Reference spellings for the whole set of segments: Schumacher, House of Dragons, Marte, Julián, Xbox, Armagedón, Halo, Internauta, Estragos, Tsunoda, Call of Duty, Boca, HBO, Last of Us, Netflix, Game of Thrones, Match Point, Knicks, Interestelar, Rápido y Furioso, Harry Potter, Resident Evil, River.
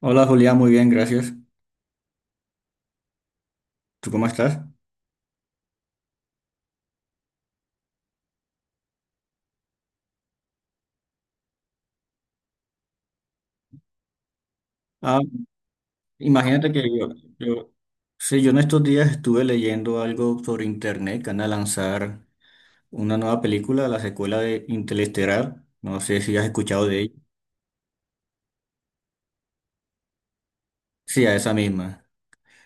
Hola Julián, muy bien, gracias. ¿Tú cómo estás? Ah, imagínate que yo, sí, yo en estos días estuve leyendo algo sobre internet que van a lanzar una nueva película, la secuela de Interestelar. No sé si has escuchado de ella. Sí, a esa misma.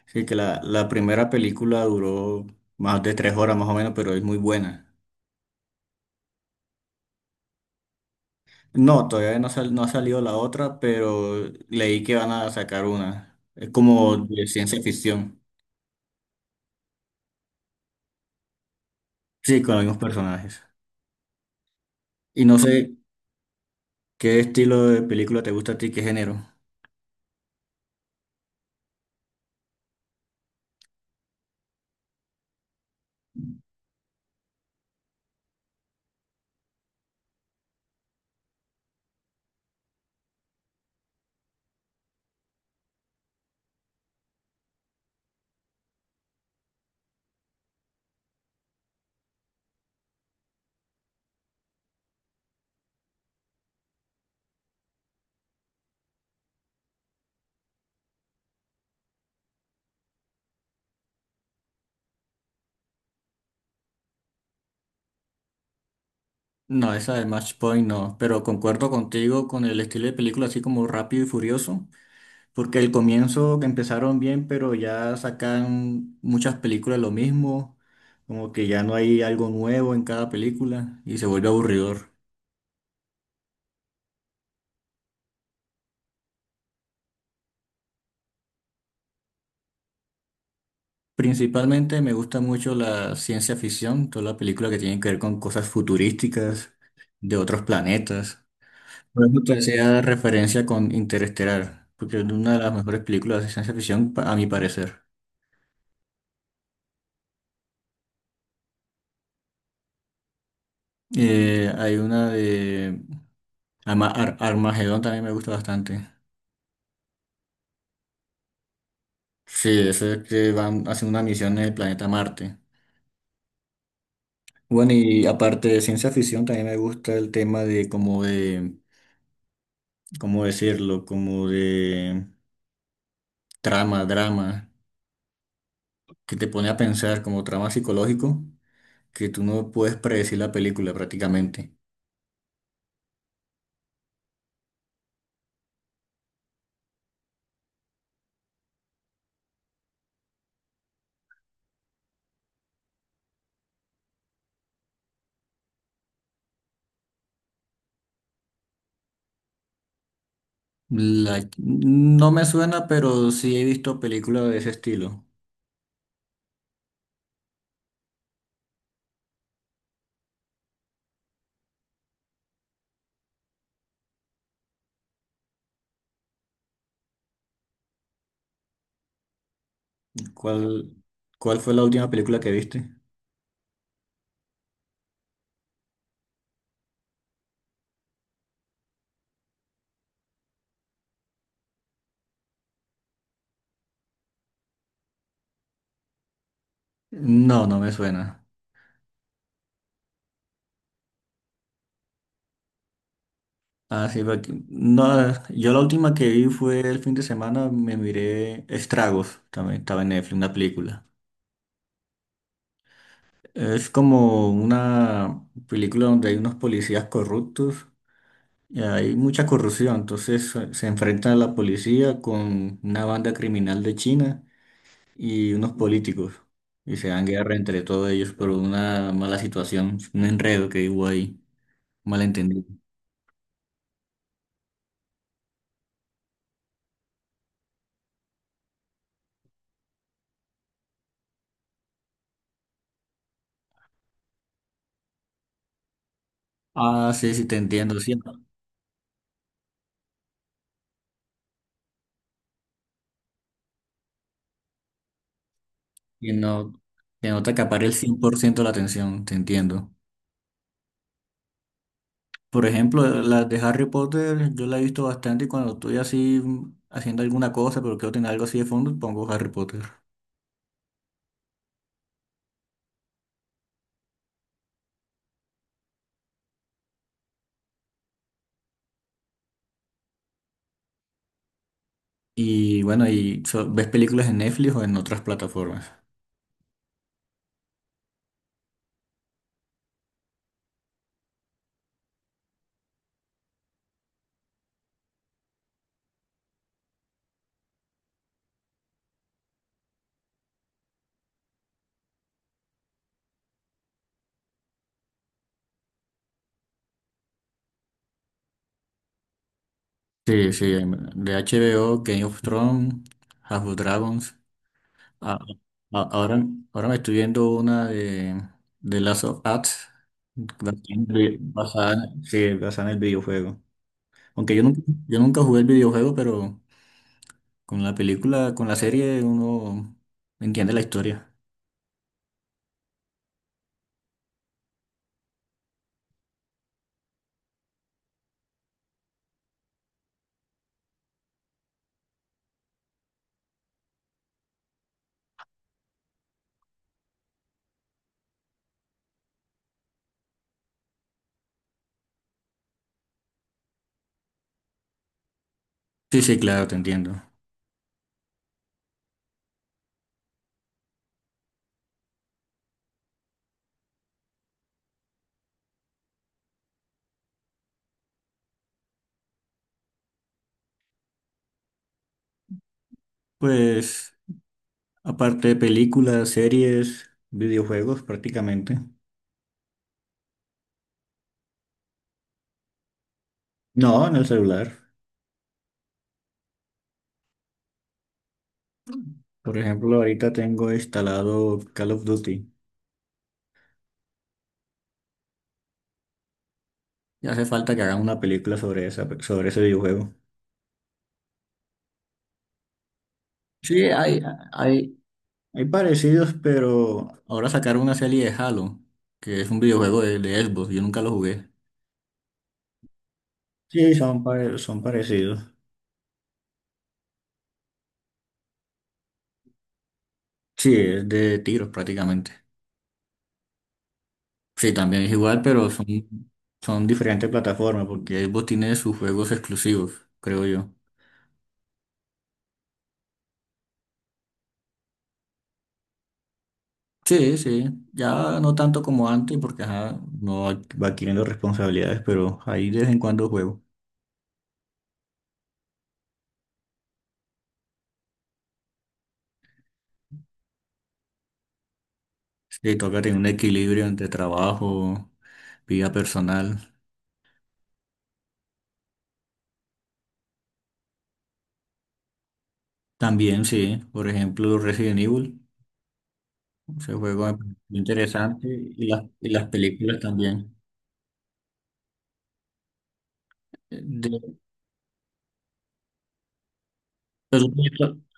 Sí, que la primera película duró más de tres horas más o menos, pero es muy buena. No, todavía no, no ha salido la otra, pero leí que van a sacar una. Es como de ciencia ficción. Sí, con los mismos personajes. Y no sé. ¿Qué estilo de película te gusta a ti? ¿Qué género? No, esa de Match Point no, pero concuerdo contigo con el estilo de película así como rápido y furioso, porque el comienzo que empezaron bien, pero ya sacan muchas películas lo mismo, como que ya no hay algo nuevo en cada película y se vuelve aburridor. Principalmente me gusta mucho la ciencia ficción, toda la película que tiene que ver con cosas futurísticas de otros planetas. Por eso te hacía referencia con Interestelar, porque es una de las mejores películas de ciencia ficción, a mi parecer. Hay una de Armagedón también me gusta bastante. Sí, eso es que van a hacer una misión en el planeta Marte. Bueno, y aparte de ciencia ficción, también me gusta el tema de ¿cómo decirlo? Como de trama, drama, que te pone a pensar como trama psicológico, que tú no puedes predecir la película prácticamente. No me suena, pero sí he visto películas de ese estilo. ¿Cuál, cuál fue la última película que viste? No, no me suena. Ah, sí, no, yo la última que vi fue el fin de semana, me miré Estragos, también estaba en Netflix, una película. Es como una película donde hay unos policías corruptos y hay mucha corrupción, entonces se enfrentan a la policía con una banda criminal de China y unos políticos. Y se dan guerra entre todos ellos por una mala situación, un enredo que hubo ahí, un malentendido. Ah, sí, sí, te entiendo, sí. Que no, que no te acapare el 100% la atención, te entiendo. Por ejemplo, las de Harry Potter, yo la he visto bastante y cuando estoy así haciendo alguna cosa, pero quiero tener algo así de fondo, pongo Harry Potter. Y bueno, ¿ves películas en Netflix o en otras plataformas? Sí, sí, de HBO, Game of Thrones, House of Dragons. A- a- Ahora, ahora me estoy viendo una de Last of Us, basada en el basada- sí, basada en el videojuego. Aunque yo nunca jugué el videojuego, pero con la película, con la serie uno entiende la historia. Sí, sí, claro, te entiendo. Pues aparte de películas, series, videojuegos prácticamente. No, en el celular. Por ejemplo, ahorita tengo instalado Call of Duty. Y hace falta que hagan una película sobre esa, sobre ese videojuego. Sí, hay, hay parecidos, pero ahora sacaron una serie de Halo, que es un videojuego de Xbox, yo nunca lo jugué. Sí, son parecidos. Sí, es de tiros prácticamente. Sí, también es igual, pero son, son diferentes plataformas, porque Xbox tiene sus juegos exclusivos, creo yo. Sí, sí, ya no tanto como antes, porque ajá, no ad- va adquiriendo responsabilidades, pero ahí de vez en cuando juego. Sí, toca tener un equilibrio entre trabajo, vida personal. También, sí. Por ejemplo, Resident Evil, ese juego me pareció interesante y y las películas también. Eh, De- pero, tú has visto-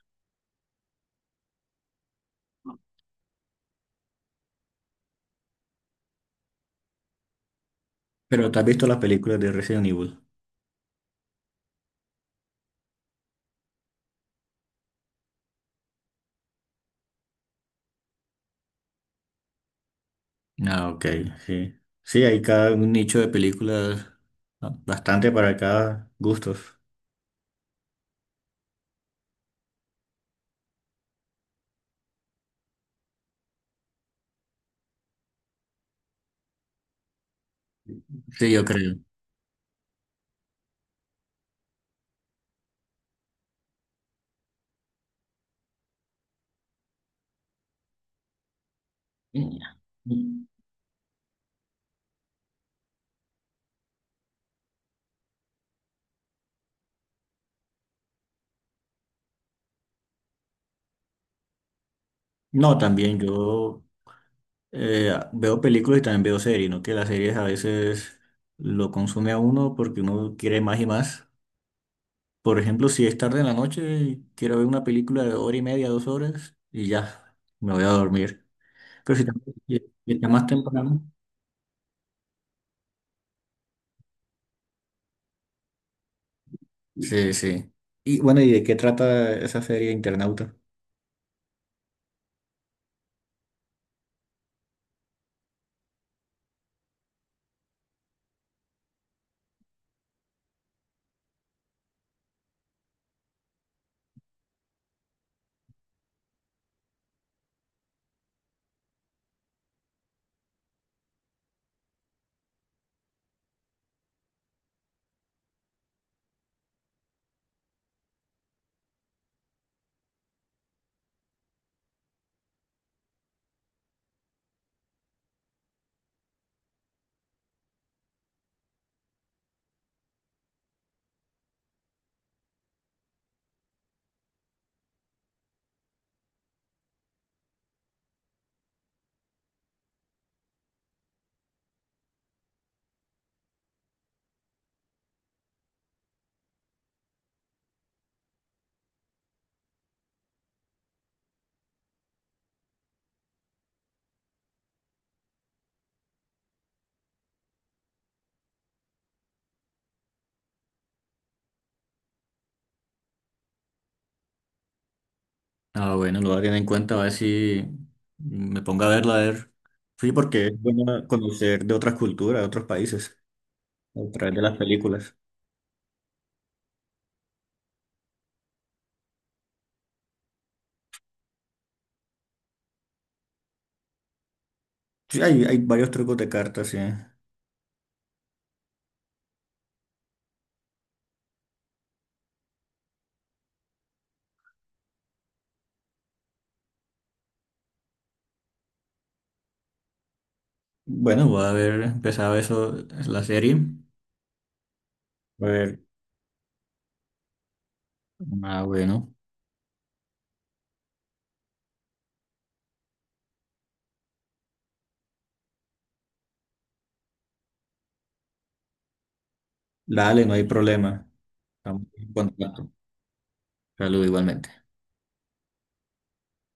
pero ¿te has visto las películas de Resident Evil? Ah, ok, sí. Sí, hay cada un nicho de películas, bastante para cada gustos. Sí, yo creo. No, también yo veo películas y también veo series, ¿no? Que las series a veces lo consume a uno porque uno quiere más y más. Por ejemplo, si es tarde en la noche, quiero ver una película de hora y media, dos horas, y ya, me voy a dormir. Pero si también si está más temprano. Sí, sí. Y bueno, ¿y de qué trata esa serie Internauta? Ah, bueno, lo voy a tener en cuenta, a ver si me pongo a verla, a ver. Sí, porque es bueno conocer de otras culturas, de otros países, a través de las películas. Sí, hay varios trucos de cartas, sí. Bueno, voy a ver, empezado eso, la serie. A ver, ah, bueno, dale, no hay problema. Estamos en contacto. Saludos igualmente.